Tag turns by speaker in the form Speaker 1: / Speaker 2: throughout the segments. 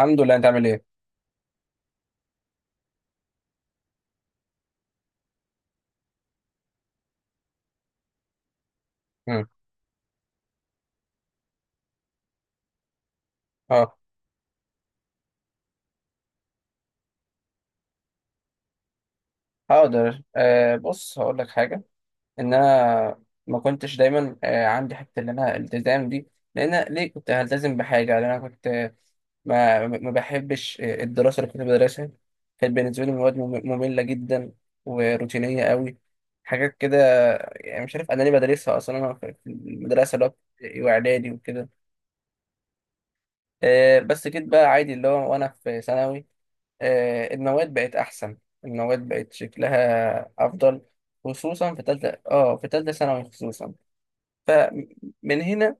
Speaker 1: الحمد لله، انت عامل ايه؟ مم. اه. هقدر، بص هقول لك حاجه. ان انا ما كنتش دايما عندي حته ان انا التزام دي، لان أنا ليه كنت هلتزم بحاجه؟ لان انا كنت، ما بحبش، الدراسه اللي كنت بدرسها كانت بالنسبه لي مواد ممله جدا وروتينيه قوي، حاجات كده. يعني مش عارف انا ليه بدرسها اصلا انا في المدرسه اللي هو ابتدائي واعدادي وكده. بس جيت بقى عادي اللي هو وانا في ثانوي، المواد بقت احسن، المواد بقت شكلها افضل، خصوصا في تالتة ثانوي خصوصا. فمن هنا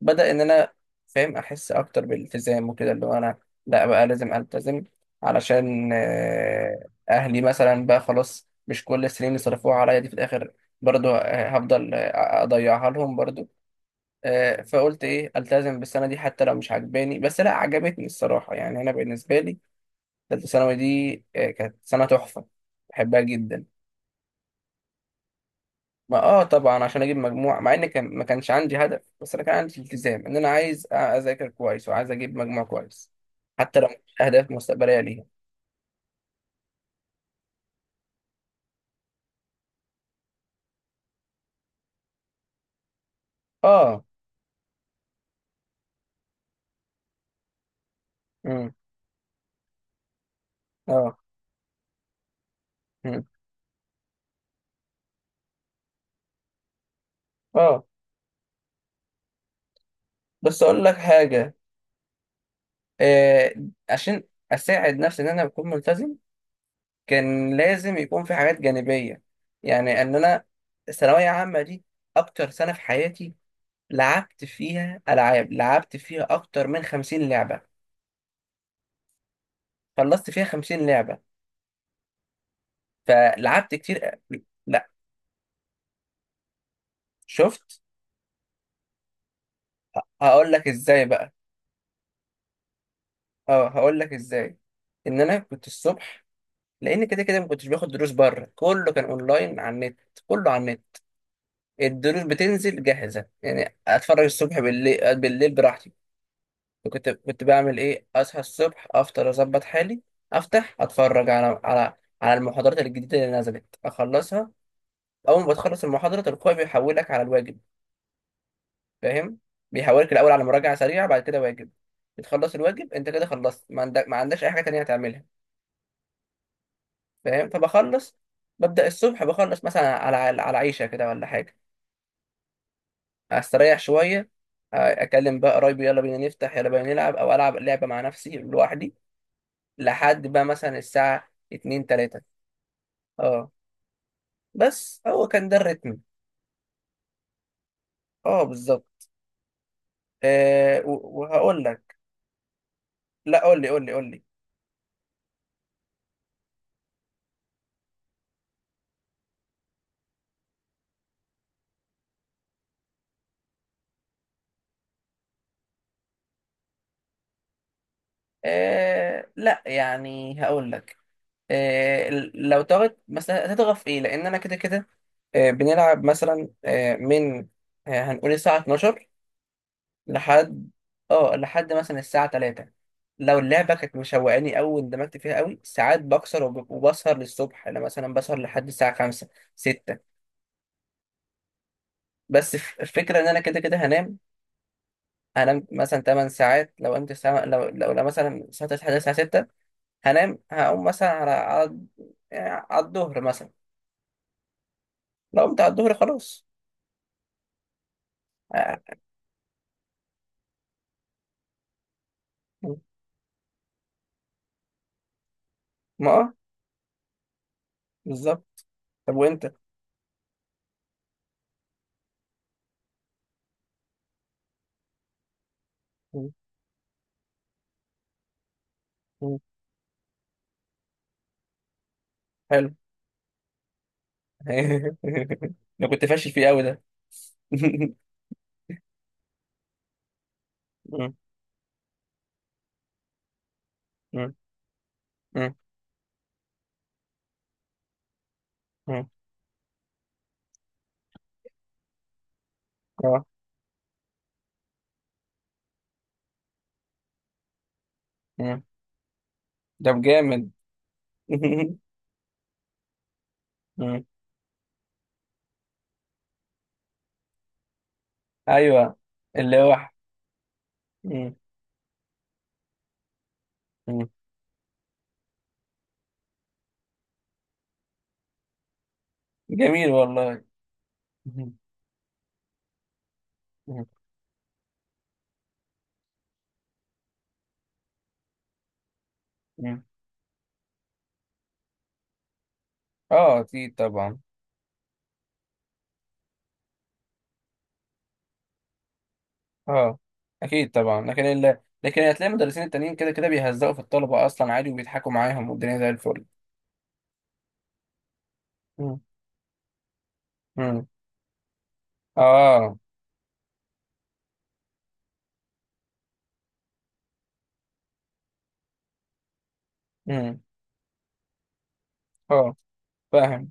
Speaker 1: بدأ ان انا فاهم، احس اكتر بالالتزام وكده، اللي هو انا لا بقى لازم التزم، علشان اهلي مثلا بقى خلاص مش كل السنين اللي صرفوها عليا دي في الاخر برضو هفضل اضيعها لهم برضو. فقلت ايه، التزم بالسنه دي حتى لو مش عجباني، بس لا، عجبتني الصراحه. يعني انا بالنسبه لي ثالثه ثانوي دي كانت سنه تحفه، بحبها جدا. ما طبعا عشان اجيب مجموع، مع ان كان ما كانش عندي هدف، بس انا كان عندي التزام ان انا عايز اذاكر كويس وعايز اجيب مجموع كويس، حتى لو مش اهداف مستقبليه ليها. اه. امم. اه. امم. اه. بس اقول لك حاجه. آه عشان اساعد نفسي ان انا بكون ملتزم، كان لازم يكون في حاجات جانبية. يعني ان انا الثانوية عامة دي اكتر سنة في حياتي، لعبت فيها العاب، لعبت فيها اكتر من 50 لعبة، خلصت فيها 50 لعبة، فلعبت كتير. لا، شفت، هقول لك ازاي بقى. اه، هقول لك ازاي. ان انا كنت الصبح، لان كده كده ما كنتش باخد دروس بره، كله كان اونلاين على النت. كله على النت، الدروس بتنزل جاهزة، يعني اتفرج الصبح بالليل براحتي. كنت بعمل ايه، اصحى الصبح افطر اظبط حالي، افتح اتفرج على المحاضرات الجديده اللي نزلت اخلصها. اول ما بتخلص المحاضره تلقائي بيحولك على الواجب، فاهم؟ بيحولك الاول على مراجعه سريعه، بعد كده واجب. بتخلص الواجب، انت كده خلصت، ما عندكش اي حاجه تانية هتعملها، فاهم؟ فبخلص، ببدا الصبح بخلص مثلا على عيشه كده ولا حاجه، استريح شويه، اكلم بقى قرايبي، يلا بينا نفتح، يلا بينا نلعب او العب لعبه مع نفسي لوحدي، لحد بقى مثلا الساعه 2، 3. اه، بس هو كان ده الريتم. اه بالظبط. وهقول لك. لا، قول لي قول لي قول لي. لا يعني هقول لك. لو تغط مثلا هتضغط في ايه، لان انا كده كده بنلعب مثلا من، هنقول الساعه 12 لحد، مثلا الساعه 3. لو اللعبه كانت مشوقاني قوي واندمجت فيها قوي، ساعات بكسر وبسهر للصبح، انا مثلا بسهر لحد الساعه 5، 6. بس الفكره ان انا كده كده هنام مثلا 8 ساعات. لو قمت الساعة، لو مثلا الساعة 9 لحد الساعة 6، هنام، هقوم مثلا على يعني على الظهر مثلا. لو قمت على الظهر خلاص. آه، ما بالظبط. طب وانت؟ م- م- حلو. انا كنت فاشل فيه قوي ده. م- م- م- م- اه. م. طب جامد. م. ايوه، اللوح. م- م. جميل والله. م- م- م. اه اكيد طبعا. اه اكيد طبعا، لكن هتلاقي المدرسين التانيين كده كده بيهزقوا في الطلبه اصلا عادي، وبيضحكوا معاهم والدنيا زي الفل. مم. مم. اه. مم. اه، فاهم.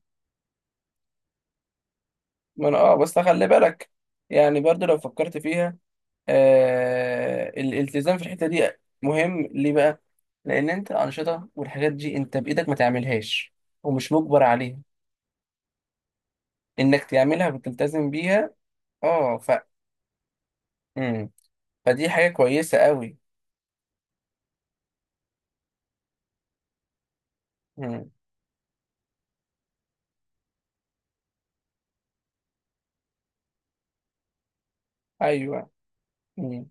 Speaker 1: ما انا، اه، بس خلي بالك، يعني برضو لو فكرت فيها، الالتزام في الحته دي مهم ليه بقى؟ لان انت الانشطه والحاجات دي انت بايدك، ما تعملهاش ومش مجبر عليها، انك تعملها وتلتزم بيها. اه، مم. فدي حاجه كويسه قوي. مم. ايوه. مم.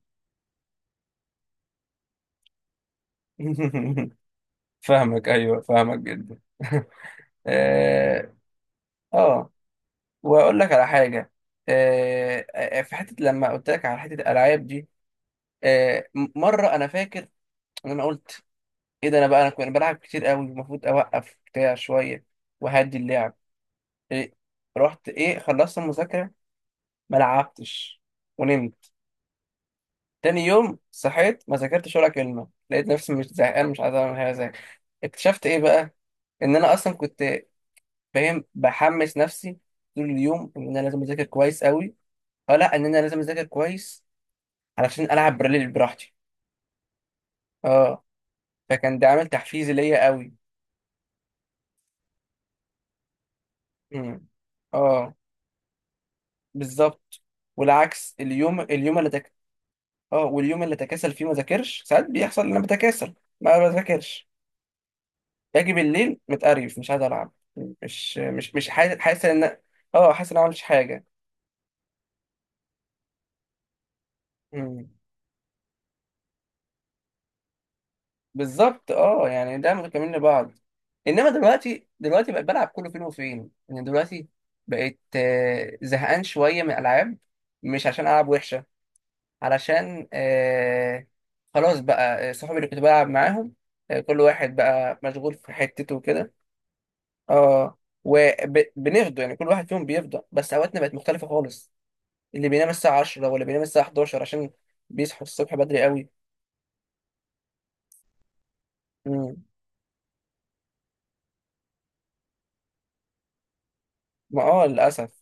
Speaker 1: فاهمك، ايوه فاهمك جدا. اه. آه. واقول لك على حاجه. في حته لما قلت لك على حته الالعاب دي، مره انا فاكر ان انا قلت ايه ده، انا كنت بلعب كتير قوي، المفروض اوقف بتاع شويه وهدي اللعب. إيه، رحت ايه، خلصت المذاكره، ما لعبتش، ونمت. تاني يوم صحيت ما ذاكرتش ولا كلمه، لقيت نفسي مش زهقان، مش عايز اعمل حاجه زي. اكتشفت ايه بقى، ان انا اصلا كنت، فاهم، بحمس نفسي طول اليوم ان انا لازم اذاكر كويس قوي. اه لا، ان انا لازم اذاكر كويس علشان العب براليل براحتي. اه، فكان ده عامل تحفيزي ليا قوي. امم. اه بالظبط. والعكس، اليوم. اه، واليوم اللي اتكاسل فيه ما ذاكرش، ساعات بيحصل ان انا بتكاسل ما بذاكرش، باجي بالليل متقرف، مش عايز العب، مش حاسس ان، اه، حاسس ان انا ما عملتش حاجه. مم بالظبط، اه، يعني ده مكملين لبعض. انما دلوقتي بقيت بلعب كله فين وفين، يعني دلوقتي بقيت زهقان شويه من الالعاب، مش عشان العب وحشه، علشان خلاص بقى صحابي اللي كنت بلعب معاهم كل واحد بقى مشغول في حتته وكده. اه، وبنفضوا يعني، كل واحد فيهم بيفضى، بس اوقاتنا بقت مختلفه خالص، اللي بينام الساعه 10 واللي بينام الساعه 11 عشان بيصحوا الصبح بدري قوي. مم. ما للاسف.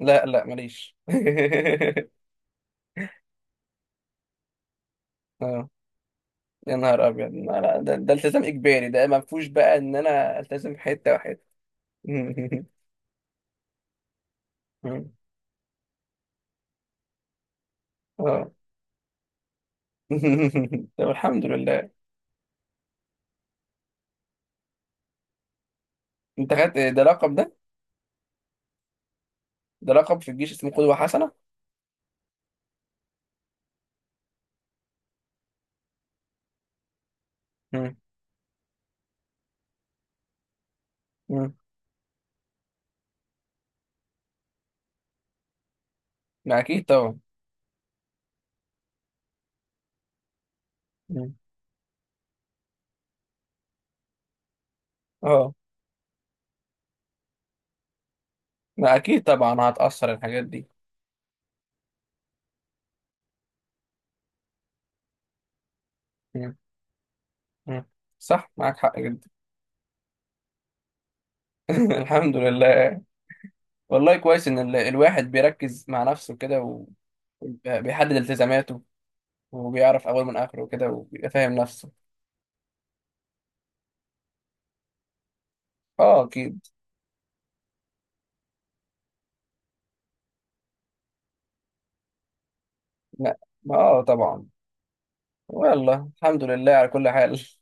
Speaker 1: لا لا، ماليش. اه، يا نهار ابيض، ما لا، ده التزام اجباري، ده ما فيهوش بقى ان انا التزم في حته وحته. اه. طب الحمد لله. انت خدت ده لقب ده؟ ده لقب في الجيش اسمه قدوه حسنه. مم. مم. ما اكيد طبعا. مم. اه، ما اكيد طبعا هتاثر الحاجات دي. مم. مم. صح، معاك حق جدا. الحمد لله. والله كويس ان الواحد بيركز مع نفسه كده بيحدد التزاماته، وبيعرف أول من آخره وكده، وبيبقى فاهم نفسه. اه أكيد. لا، ما طبعا. والله الحمد لله على كل حال.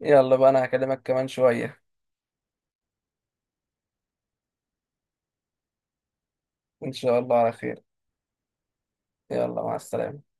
Speaker 1: يلا بقى، أنا هكلمك كمان شوية. إن شاء الله على خير. يلا، مع السلامة.